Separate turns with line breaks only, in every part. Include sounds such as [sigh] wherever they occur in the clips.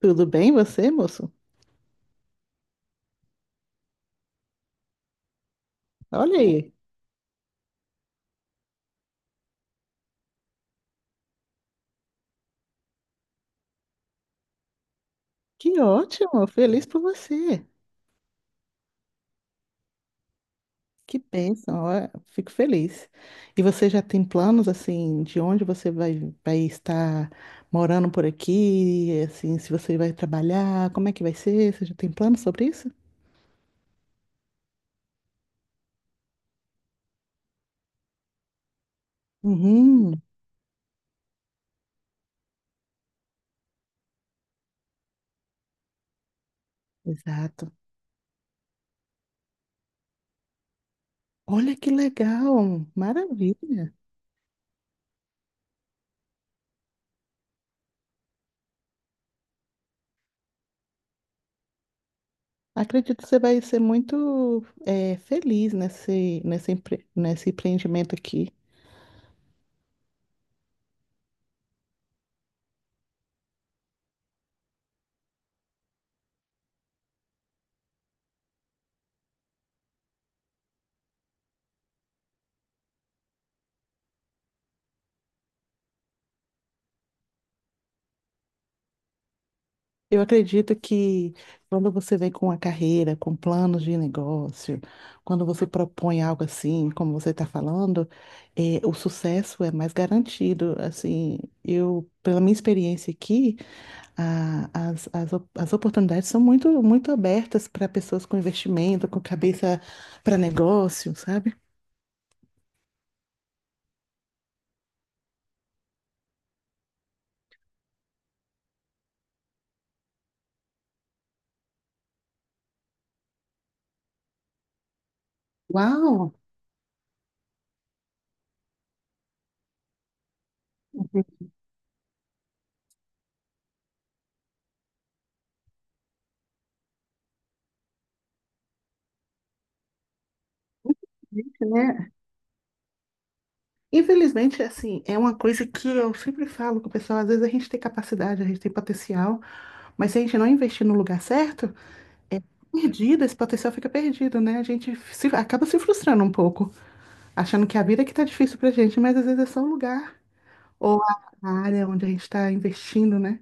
Tudo bem você, moço? Olha aí, que ótimo, feliz por você. Que bênção, ó, fico feliz. E você já tem planos assim de onde você vai estar morando por aqui, assim, se você vai trabalhar, como é que vai ser? Você já tem planos sobre isso? Uhum, exato. Olha que legal, maravilha. Acredito que você vai ser muito feliz nesse empreendimento aqui. Eu acredito que quando você vem com a carreira, com planos de negócio, quando você propõe algo assim, como você está falando, o sucesso é mais garantido. Assim, eu, pela minha experiência aqui, as oportunidades são muito abertas para pessoas com investimento, com cabeça para negócio, sabe? Uau! Gente, né? Infelizmente, assim, é uma coisa que eu sempre falo com o pessoal, às vezes a gente tem capacidade, a gente tem potencial, mas se a gente não investir no lugar certo, é perdido, esse potencial fica perdido, né? A gente se- Acaba se frustrando um pouco, achando que a vida é que tá difícil pra gente, mas às vezes é só o lugar ou a área onde a gente está investindo, né?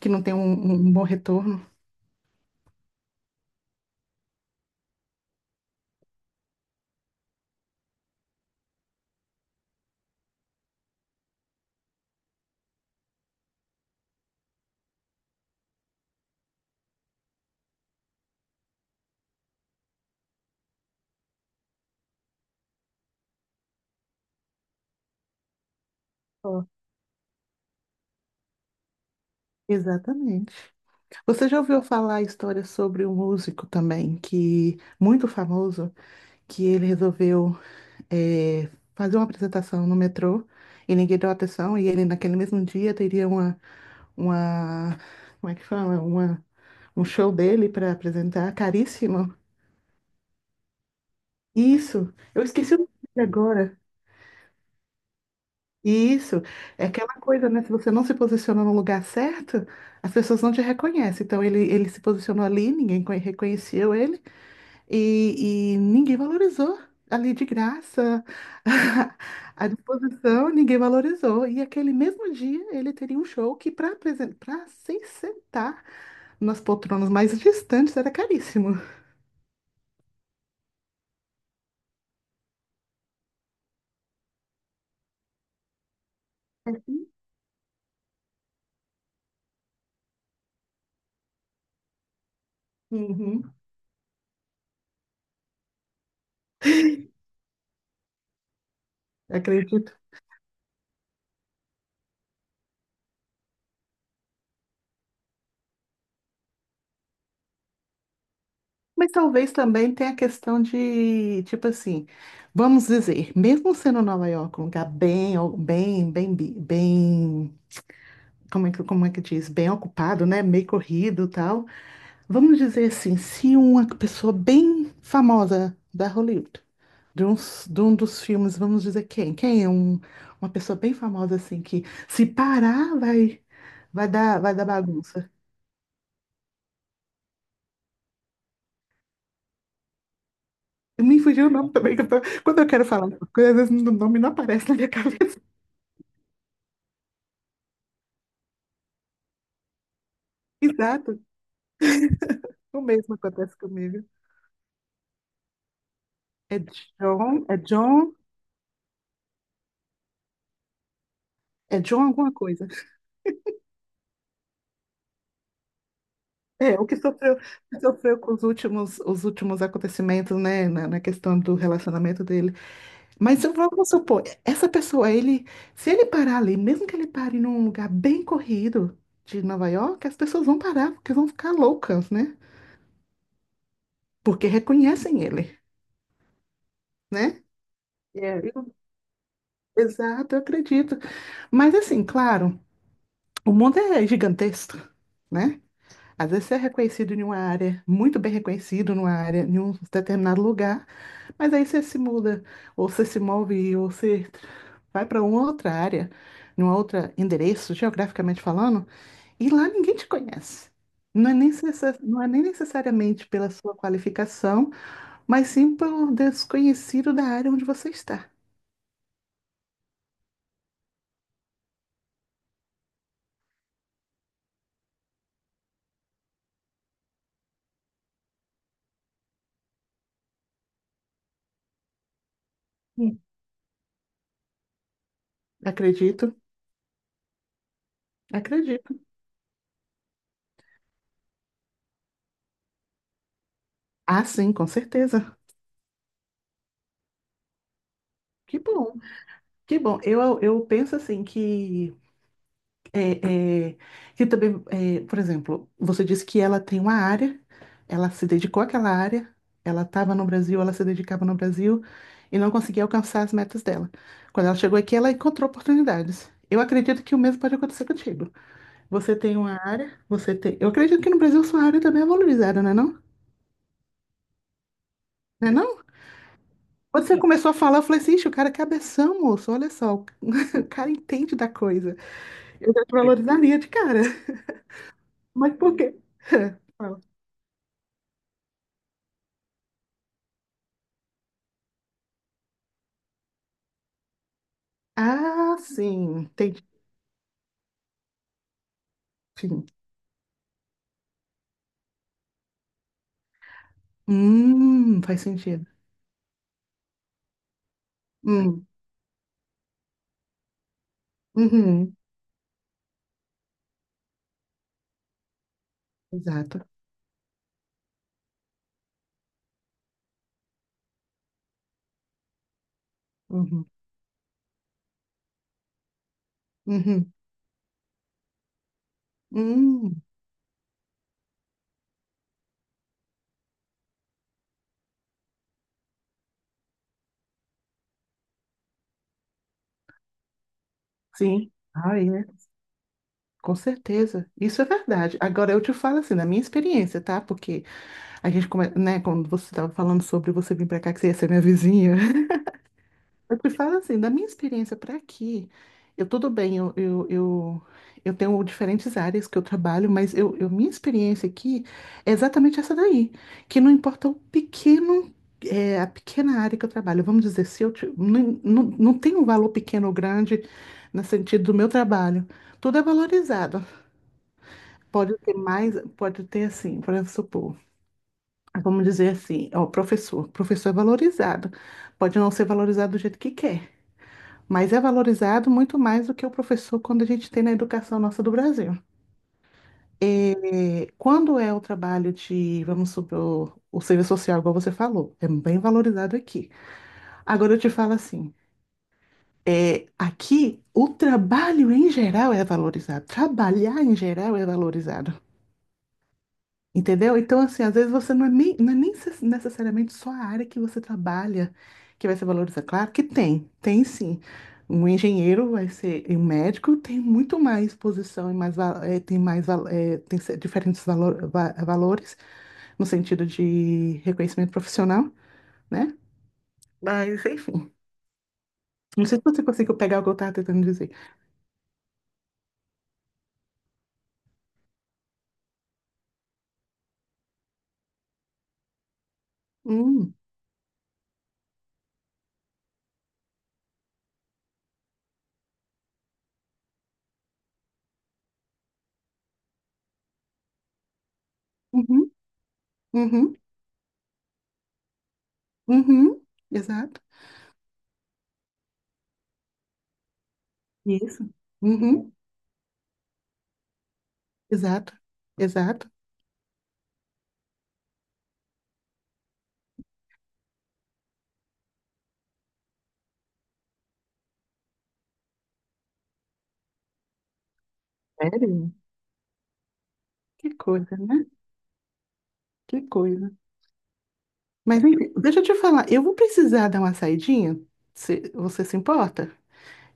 Que não tem um bom retorno. Ó, exatamente. Você já ouviu falar a história sobre um músico também, que muito famoso, que ele resolveu é, fazer uma apresentação no metrô e ninguém deu atenção, e ele naquele mesmo dia teria uma, como é que fala? Uma, um show dele para apresentar, caríssimo. Isso, eu esqueci o nome agora. Isso, é aquela coisa, né? Se você não se posiciona no lugar certo, as pessoas não te reconhecem. Então ele se posicionou ali, reconheceu ele. E ninguém valorizou ali de graça, [laughs] à disposição, ninguém valorizou. E aquele mesmo dia ele teria um show que para se sentar nas poltronas mais distantes era caríssimo. Uhum. [laughs] Acredito. Mas talvez também tenha a questão de, tipo assim, vamos dizer, mesmo sendo Nova York um lugar bem, como é que diz? Bem ocupado, né? Meio corrido e tal. Vamos dizer assim, se uma pessoa bem famosa da Hollywood, de um dos filmes, vamos dizer quem? Uma pessoa bem famosa assim que se parar vai, vai dar bagunça. Me fugiu o nome também, que quando eu quero falar, alguma coisa, às vezes o nome não aparece na minha [laughs] cabeça. Exato, o mesmo acontece comigo. É John, é John, É John alguma coisa. É, que sofreu com os últimos acontecimentos, né, na na questão do relacionamento dele. Mas eu vou vamos supor, essa pessoa, ele, se ele parar ali, mesmo que ele pare num lugar bem corrido de Nova York, as pessoas vão parar, porque vão ficar loucas, né? Porque reconhecem ele, né? É, eu- Exato, eu acredito. Mas assim, claro, o mundo é gigantesco, né? Às vezes você é reconhecido em uma área, muito bem reconhecido numa área, em um determinado lugar, mas aí você se muda, ou você se move, ou você vai para uma outra área, num outro endereço, geograficamente falando, e lá ninguém te conhece. Não é nem necessariamente pela sua qualificação, mas sim pelo desconhecido da área onde você está. Hum. Acredito, acredito. Ah, sim, com certeza. Que bom, que bom. Eu penso assim que É, é, que também, é, por exemplo, você disse que ela tem uma área, ela se dedicou àquela área, ela estava no Brasil, ela se dedicava no Brasil e não conseguia alcançar as metas dela. Quando ela chegou aqui, ela encontrou oportunidades. Eu acredito que o mesmo pode acontecer contigo. Você tem uma área, você tem. Eu acredito que no Brasil sua área também é valorizada, não é não? Não é não? Quando você começou a falar, eu falei assim, "Ixi, o cara é cabeção, moço, olha só, [laughs] o cara entende da coisa. Eu já te valorizaria de cara. Mas por quê? Ah, sim, entendi. Sim. Faz sentido. Hum, uhum, exato. Uhum, uhum, hum, sim. Ah, é, com certeza. Isso é verdade. Agora, eu te falo assim, na minha experiência, tá? Porque né, quando você estava falando sobre você vir para cá, que você ia ser minha vizinha, eu te falo assim, da minha experiência para aqui, eu tudo bem, eu tenho diferentes áreas que eu trabalho, mas minha experiência aqui é exatamente essa daí, que não importa o pequeno, é, a pequena área que eu trabalho, vamos dizer, se eu ti- não, não, não tem um valor pequeno ou grande no sentido do meu trabalho, tudo é valorizado. Pode ter mais, pode ter assim, por exemplo, supor, vamos dizer assim, ó, professor é valorizado, pode não ser valorizado do jeito que quer. Mas é valorizado muito mais do que o professor quando a gente tem na educação nossa do Brasil. É, quando é o trabalho de, vamos supor, o serviço social, igual você falou, é bem valorizado aqui. Agora eu te falo assim, é, aqui o trabalho em geral é valorizado, trabalhar em geral é valorizado. Entendeu? Então, assim, às vezes você não é nem, não é nem se- necessariamente só a área que você trabalha que vai ser valorizada. Claro que tem, tem sim. Um engenheiro vai ser, e um médico tem muito mais posição e mais, tem mais, tem diferentes valores no sentido de reconhecimento profissional, né? Mas, enfim, não sei se você conseguiu pegar o que eu estava tentando dizer. Hum, uhum, uhum, uhum, exato. Isso. Uhum, exato, exato. Sério? Que coisa, né? Que coisa. Mas enfim, deixa eu te falar, eu vou precisar dar uma saidinha, se você se importa?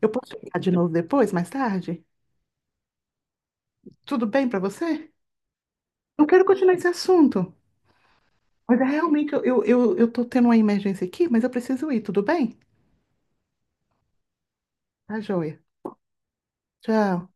Eu posso ligar de novo depois, mais tarde? Tudo bem pra você? Eu quero continuar esse assunto, mas é realmente eu tô tendo uma emergência aqui, mas eu preciso ir, tudo bem? Tá joia. Tchau.